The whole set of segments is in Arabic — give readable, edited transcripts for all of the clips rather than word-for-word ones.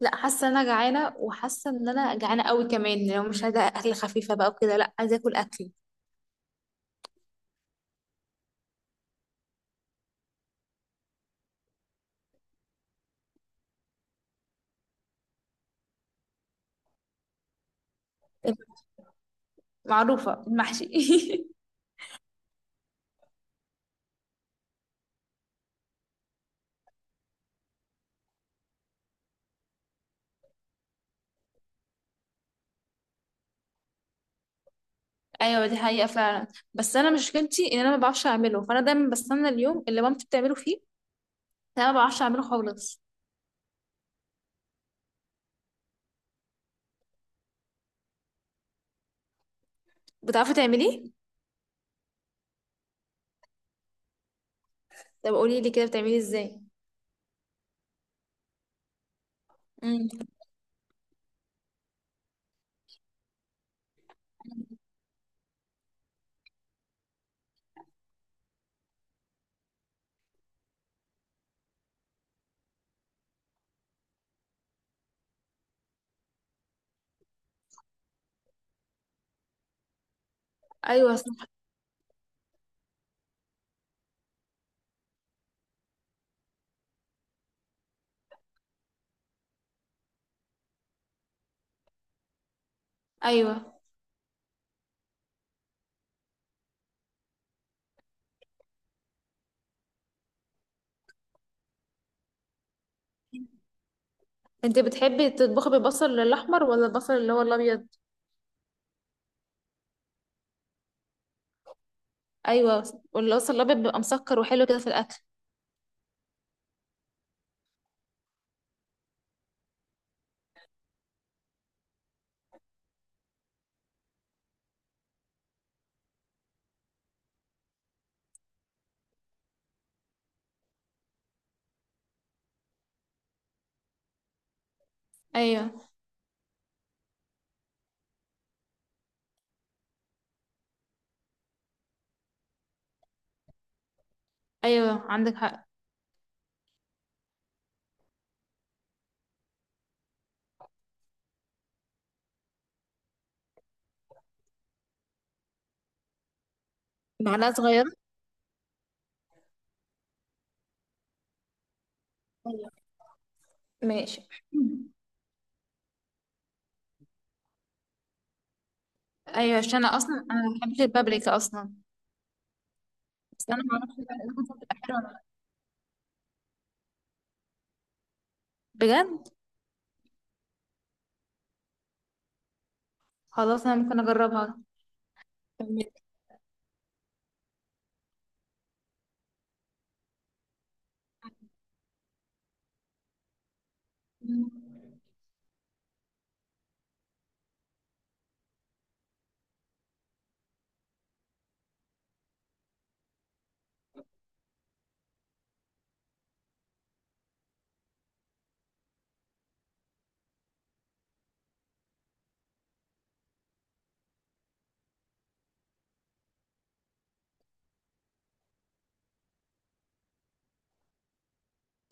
لا، حاسه ان انا جعانه وحاسه ان انا جعانه قوي كمان. لو مش عايزه اكل خفيفه بقى وكده، لا، عايزه اكل اكل معروفه، المحشي. ايوه، دي حقيقه فعلا. بس انا مشكلتي ان انا ما بعرفش اعمله، فانا دايما بستنى اليوم اللي مامتي بتعمله فيه. انا ما بعرفش اعمله خالص. بتعرفي تعمليه؟ طب قولي لي كده، بتعمليه ازاي؟ امم. ايوه صح. ايوه، انت بتحبي تطبخي بالبصل الاحمر ولا البصل اللي هو الابيض؟ ايوه، والبصل الابيض بيبقى مسكر وحلو كده في الاكل. ايوه. ايوه، عندك حق. معلقة صغيرة. ايوه. ماشي. ايوه، عشان انا اصلا انا ما بحبش البابريكا اصلا. بس انا ما اعرفش بقى اذا كنت بتبقى حلوه ولا لا. بجد. خلاص، انا ممكن اجربها. كملي.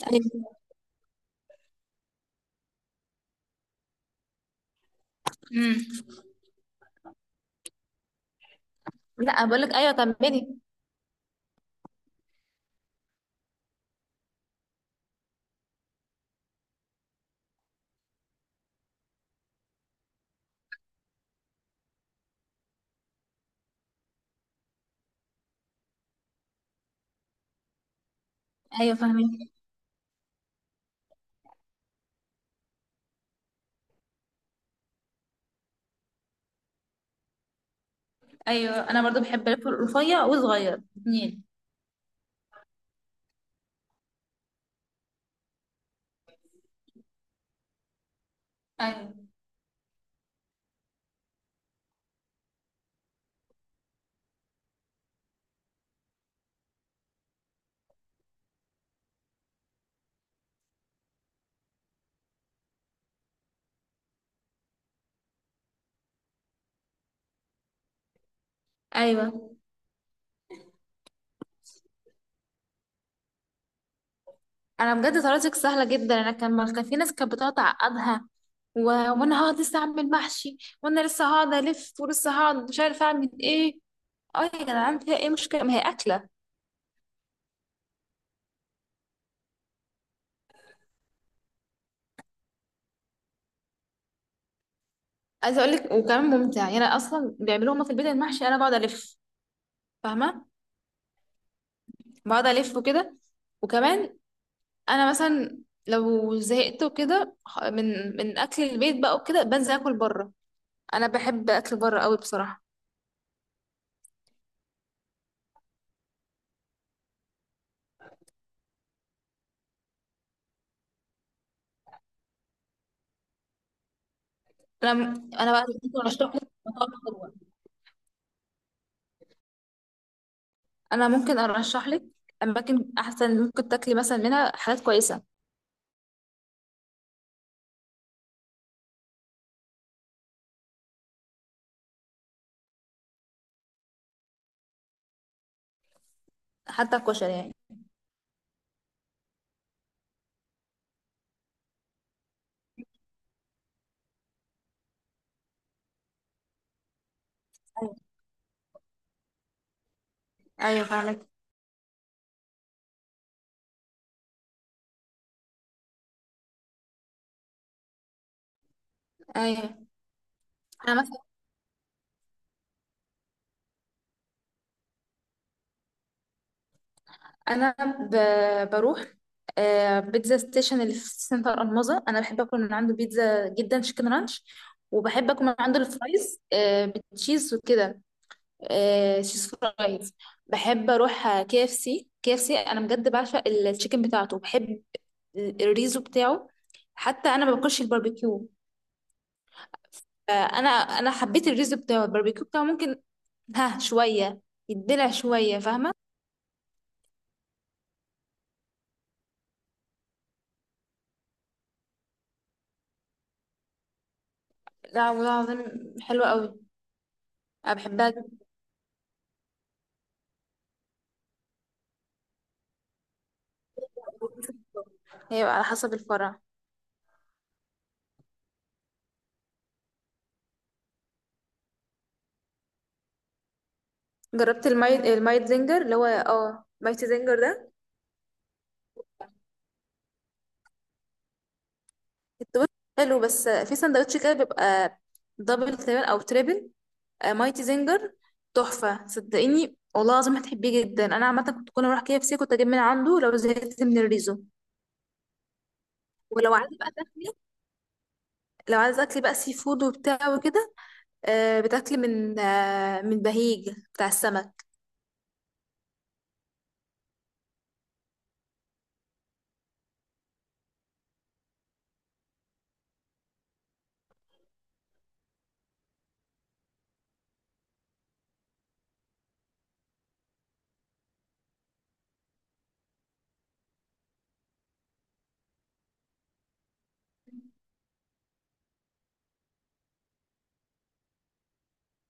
ايوه. امم. لا، بقول لك ايوه، كملي. ايوه، فاهمين. ايوه، انا برضو بحب الفول الرفيع والصغير اتنين. ايوه. ايوه، انا بجد طريقتك سهله جدا. انا كان ما- كان في ناس كانت بتقعد تعقدها. و... وانا هقعد لسه اعمل محشي. وانا لسه هقعد الف ولسه هقعد مش عارفه اعمل ايه. اه يا جدعان، فيها ايه مشكلة؟ ما هي أكلة. عايزة اقول لك، وكمان ممتع، يعني أنا أصلا بيعملوه هما في البيت المحشي، أنا بقعد ألف. فاهمة؟ بقعد ألف وكده. وكمان. أنا مثلا لو زهقت وكده، من أكل البيت بقى وكده، بنزل أكل بره. أنا بحب أكل بره قوي بصراحة. أنا بقى ممكن أرشح لك مطاعم حلوة. أنا ممكن أرشح لك أماكن أحسن، ممكن تاكلي مثلا منها حاجات كويسة. حتى الكشري يعني؟ أيوة. أيوة، فاهمك. أيوه، أنا انا بروح بيتزا ستيشن اللي في سنتر الماظة. انا بحب اكل من عنده بيتزا جدا، شيكن رانش. وبحب اكل من عنده الفرايز بالتشيز وكده، تشيز فرايز. بحب اروح KFC. KFC انا بجد بعشق التشيكن بتاعته. بحب الريزو بتاعه. حتى انا ما باكلش الباربيكيو، فانا حبيت الريزو بتاعه. الباربيكيو بتاعه ممكن، ها، شويه يدلع شويه، فاهمه؟ لا والله العظيم حلوه قوي، انا بحبها. هيبقى على حسب الفرع. جربت المايد زنجر، اللي هو مايت زنجر ده؟ التوست حلو، بس في سندوتش كده بيبقى دبل تقريبا او تريبل. مايتي زنجر، تحفة، صدقيني والله العظيم هتحبيه جدا. انا عامة كنت كل ما اروح KFC كنت اجيب من عنده لو زهقت من الريزو. ولو عايزة بقى تاكلي، لو عايزة اكل بقى سي فود وبتاع وكده، بتاكلي من بهيج بتاع السمك.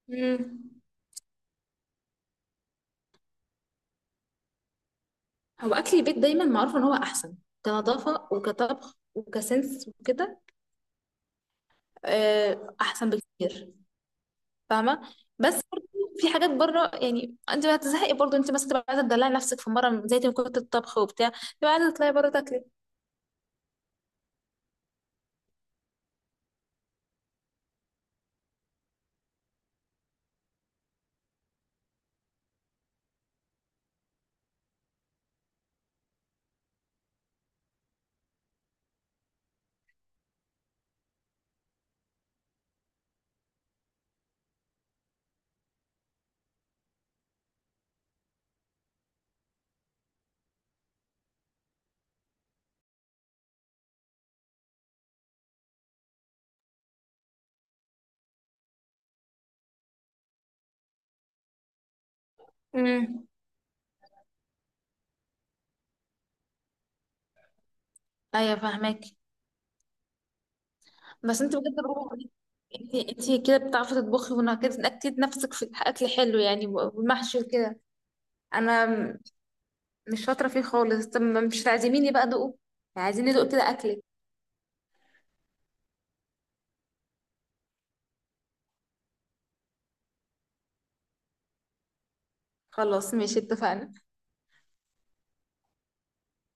مم. هو اكل البيت دايما معروف ان هو احسن، كنظافه وكطبخ وكسنس وكده، احسن بكتير. فاهمه؟ بس برضه في حاجات بره، يعني انت هتزهقي برضه، انت مثلا تبقى عايزه تدلعي نفسك في مره، زي ما كنت الطبخ وبتاع، تبقى عايزه تطلعي بره تاكلي. امم. ايوه، فاهماك. بس انت بجد برافو عليكي. انت انت كده بتعرفي تطبخي ونكدت نفسك في اكل حلو يعني، والمحشي وكده. انا مش شاطره فيه خالص. طب مش عازميني بقى دوقه؟ عايزين ندوق كده اكلك. خلاص، ماشي، اتفقنا.